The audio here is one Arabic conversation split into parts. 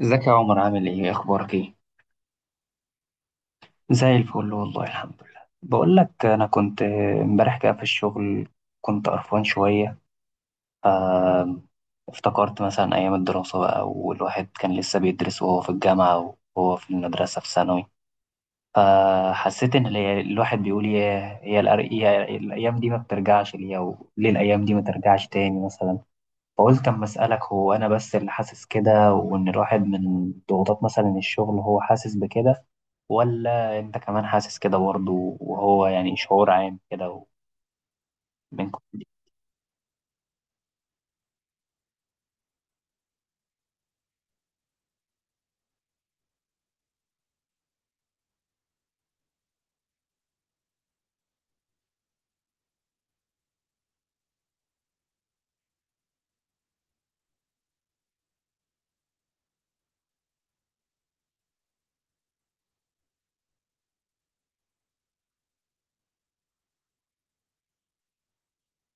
ازيك يا عمر، عامل ايه؟ اخبارك ايه؟ زي الفل والله، الحمد لله. بقول لك انا كنت امبارح كده في الشغل، كنت قرفان شويه، ف افتكرت مثلا ايام الدراسه بقى، والواحد كان لسه بيدرس وهو في الجامعه وهو في المدرسه في ثانوي. فحسيت ان الواحد بيقول، يا هي الأر- يا الايام دي ما بترجعش ليا، وليه الايام دي ما ترجعش تاني مثلا؟ فقلت أما أسألك، هو أنا بس اللي حاسس كده، وإن الواحد من ضغوطات مثلا الشغل هو حاسس بكده؟ ولا أنت كمان حاسس كده برضه؟ وهو يعني شعور عام كده منكم؟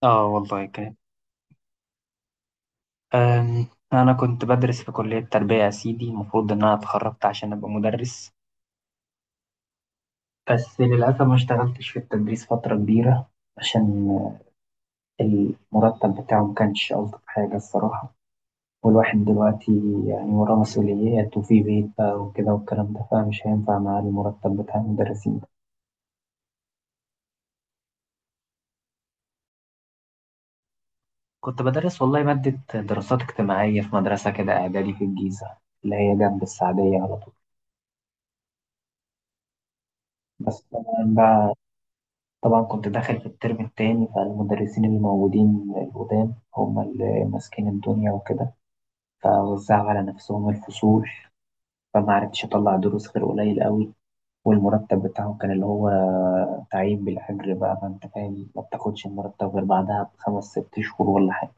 آه والله كان. أم، أنا كنت بدرس في كلية تربية يا سيدي، المفروض إن أنا اتخرجت عشان أبقى مدرس، بس للأسف ما اشتغلتش في التدريس فترة كبيرة، عشان المرتب بتاعه ما كانش ألطف حاجة الصراحة. والواحد دلوقتي يعني وراه مسؤوليات وفي بيت بقى وكده والكلام ده، فمش هينفع معاه المرتب بتاع المدرسين ده. كنت بدرس والله مادة دراسات اجتماعية في مدرسة كده إعدادي في الجيزة، اللي هي جنب السعدية على طول. بس طبعا بقى طبعا كنت داخل في الترم التاني، فالمدرسين اللي موجودين القدام هم اللي ماسكين الدنيا وكده، فوزعوا على نفسهم الفصول، فما عرفتش أطلع دروس غير قليل قوي. والمرتب بتاعه كان اللي هو تعيين بالأجر بقى، ما أنت فاهم، ما بتاخدش المرتب غير بعدها بخمس ست شهور ولا حاجة.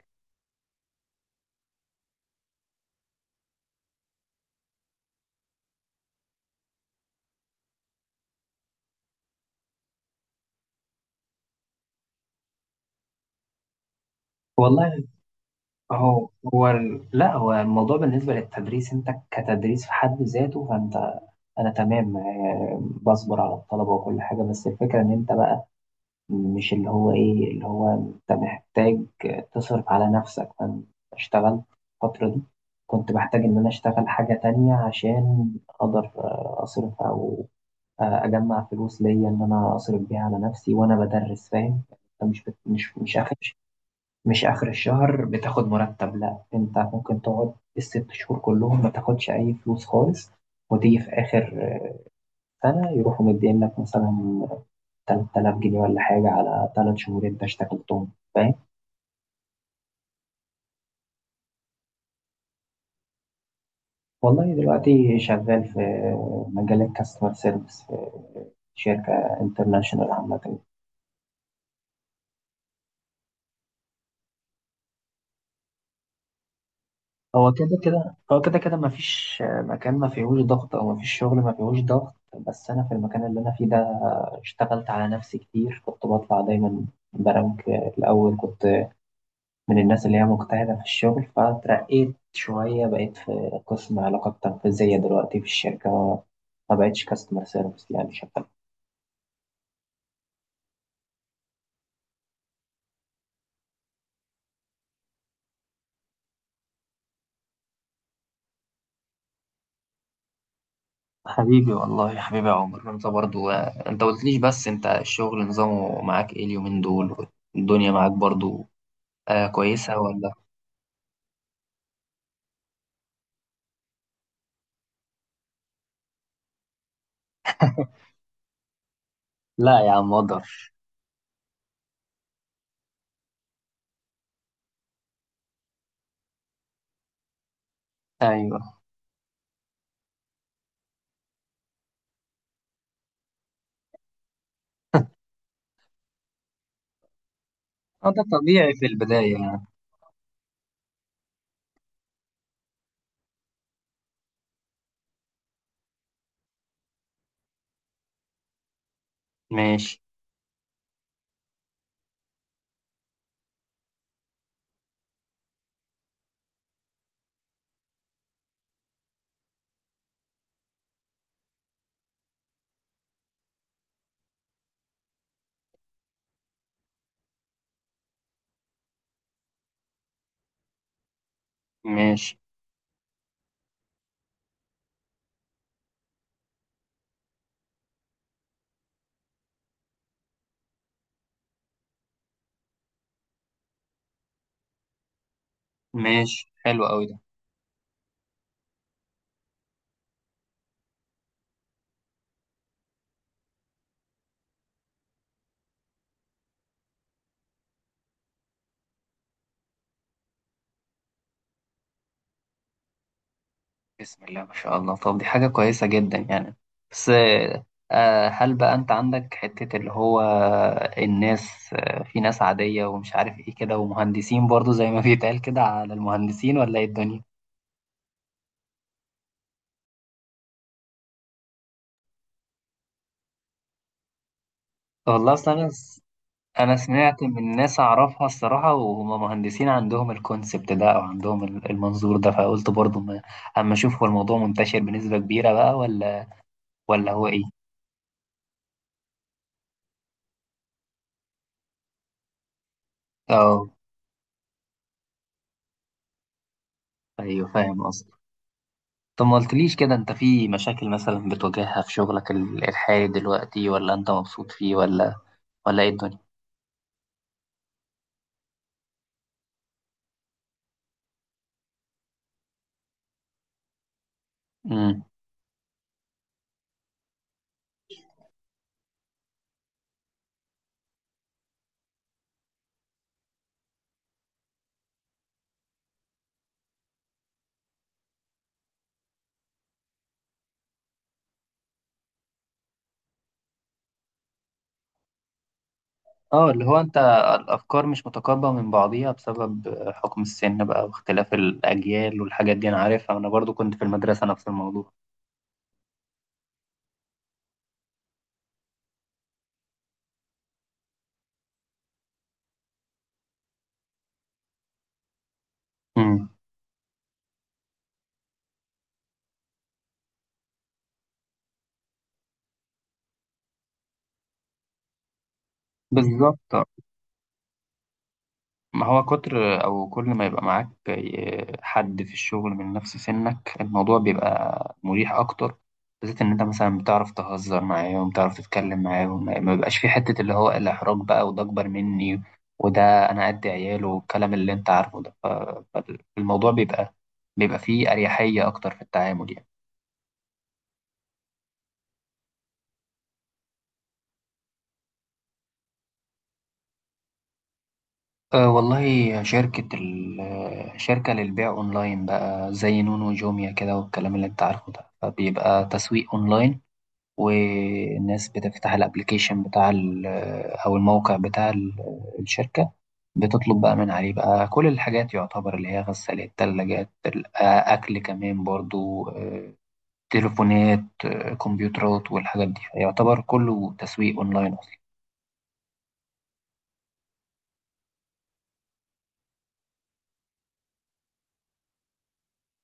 والله، هو هو لا، هو الموضوع بالنسبة للتدريس انت، كتدريس في حد ذاته، فانت انا تمام، بصبر على الطلبة وكل حاجة، بس الفكرة ان انت بقى مش اللي هو ايه، اللي هو انت محتاج تصرف على نفسك. فانا اشتغلت الفترة دي، كنت بحتاج ان انا اشتغل حاجة تانية عشان اقدر اصرف، او اجمع فلوس ليا، ان انا اصرف بيها على نفسي وانا بدرس، فاهم؟ انت مش بت... مش مش اخر الشهر بتاخد مرتب، لا، انت ممكن تقعد الست شهور كلهم ما تاخدش اي فلوس خالص، وتيجي في اخر سنه يروحوا مدين لك مثلا 3000 جنيه ولا حاجه على ثلاث شهور انت اشتغلتهم، فاهم؟ والله دلوقتي شغال في مجال الكاستمر سيرفيس في شركه انترناشونال عامه. هو كده كده، مفيش مكان ما فيهوش ضغط، او مفيش شغل ما فيهوش ضغط. بس انا في المكان اللي انا فيه ده، اشتغلت على نفسي كتير، كنت بطلع دايما برانك الاول، كنت من الناس اللي هي مجتهدة في الشغل، فترقيت شوية، بقيت في قسم علاقات تنفيذية دلوقتي في الشركة، ما بقتش كاستمر سيرفيس يعني شغال. حبيبي والله، يا حبيبي يا عمر، انت برضو انت قلتليش، بس انت الشغل نظامه معاك ايه اليومين دول؟ الدنيا معاك برضو آه كويسة ولا؟ لا يا عم، مقدر. ايوه. اه، ده طبيعي في البداية يعني. ماشي. ماشي. ماشي، حلو قوي ده. بسم الله ما شاء الله، طب دي حاجة كويسة جدا يعني. بس آه، هل بقى انت عندك حتة اللي هو الناس، في ناس عادية ومش عارف ايه كده، ومهندسين برضو زي ما بيتقال كده على المهندسين، ولا ايه الدنيا؟ والله اصلا انا سمعت من ناس اعرفها الصراحه، وهم مهندسين، عندهم الكونسبت ده، او عندهم المنظور ده. فقلت برضو ما اما اشوف، هو الموضوع منتشر بنسبه كبيره بقى ولا ولا هو ايه؟ اه، ايوه، فاهم قصدك. طب ما قلتليش كده، انت في مشاكل مثلا بتواجهها في شغلك الحالي دلوقتي؟ ولا انت مبسوط فيه؟ ولا ايه الدنيا؟ امم اه، اللي هو انت، الافكار مش متقاربه من بعضيها بسبب حكم السن بقى، واختلاف الاجيال والحاجات دي، انا عارفها، انا برضو كنت في المدرسه نفس الموضوع. بالظبط. ما هو كتر او كل ما يبقى معاك حد في الشغل من نفس سنك، الموضوع بيبقى مريح اكتر، بالذات ان انت مثلا بتعرف تهزر معاهم، بتعرف تتكلم معاهم، ما بيبقاش في حتة اللي هو الاحراج بقى، وده اكبر مني، وده انا قد عياله، والكلام اللي انت عارفه ده. فالموضوع بيبقى، بيبقى فيه اريحية اكتر في التعامل يعني. أه والله، شركة شركة للبيع أونلاين بقى، زي نونو وجوميا كده والكلام اللي أنت عارفه ده، فبيبقى تسويق أونلاين. والناس بتفتح الأبليكيشن بتاع أو الموقع بتاع الشركة، بتطلب بقى من عليه بقى كل الحاجات، يعتبر اللي هي غسالات، تلاجات، أكل كمان برضو، تليفونات، كمبيوترات والحاجات دي، يعتبر كله تسويق أونلاين.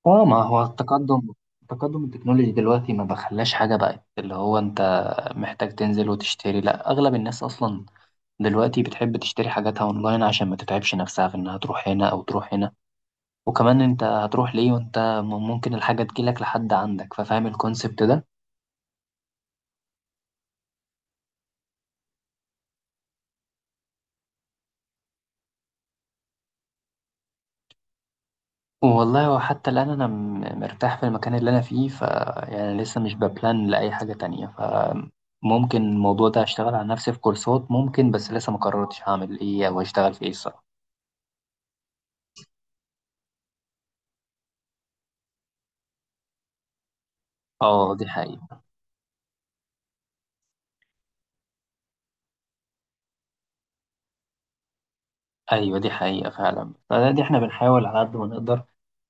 اه، ما هو التقدم التكنولوجي دلوقتي ما بخلاش حاجة، بقت اللي هو انت محتاج تنزل وتشتري، لا، اغلب الناس اصلا دلوقتي بتحب تشتري حاجاتها اونلاين عشان ما تتعبش نفسها في انها تروح هنا او تروح هنا، وكمان انت هتروح ليه وانت ممكن الحاجة تجيلك لحد عندك، ففاهم الكونسبت ده. والله، وحتى الان انا مرتاح في المكان اللي انا فيه، يعني لسه مش ببلان لاي حاجة تانية. ممكن الموضوع ده اشتغل على نفسي في كورسات ممكن، بس لسه ما قررتش هعمل ايه، او اشتغل في ايه الصراحة. اه، دي حقيقة. ايوه، دي حقيقة فعلا. دي احنا بنحاول على قد ما نقدر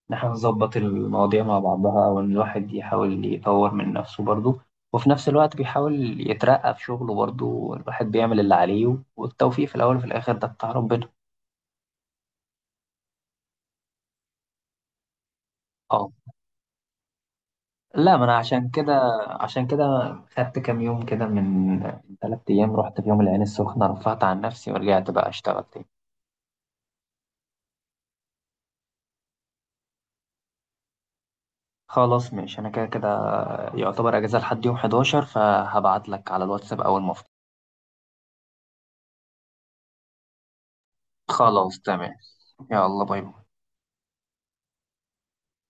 ان احنا نظبط المواضيع مع بعضها، او ان الواحد يحاول يطور من نفسه برضه، وفي نفس الوقت بيحاول يترقى في شغله برضه، الواحد بيعمل اللي عليه، والتوفيق في الاول وفي الاخر ده بتاع ربنا. اه. لا، ما انا عشان كده خدت كام يوم كده، من ثلاث ايام رحت في يوم العين السخنة، رفعت عن نفسي ورجعت بقى اشتغل تاني. خلاص ماشي، انا كده كده يعتبر اجازة لحد يوم 11، فهبعت لك على الواتساب اول ما. خلاص تمام. يلا باي باي.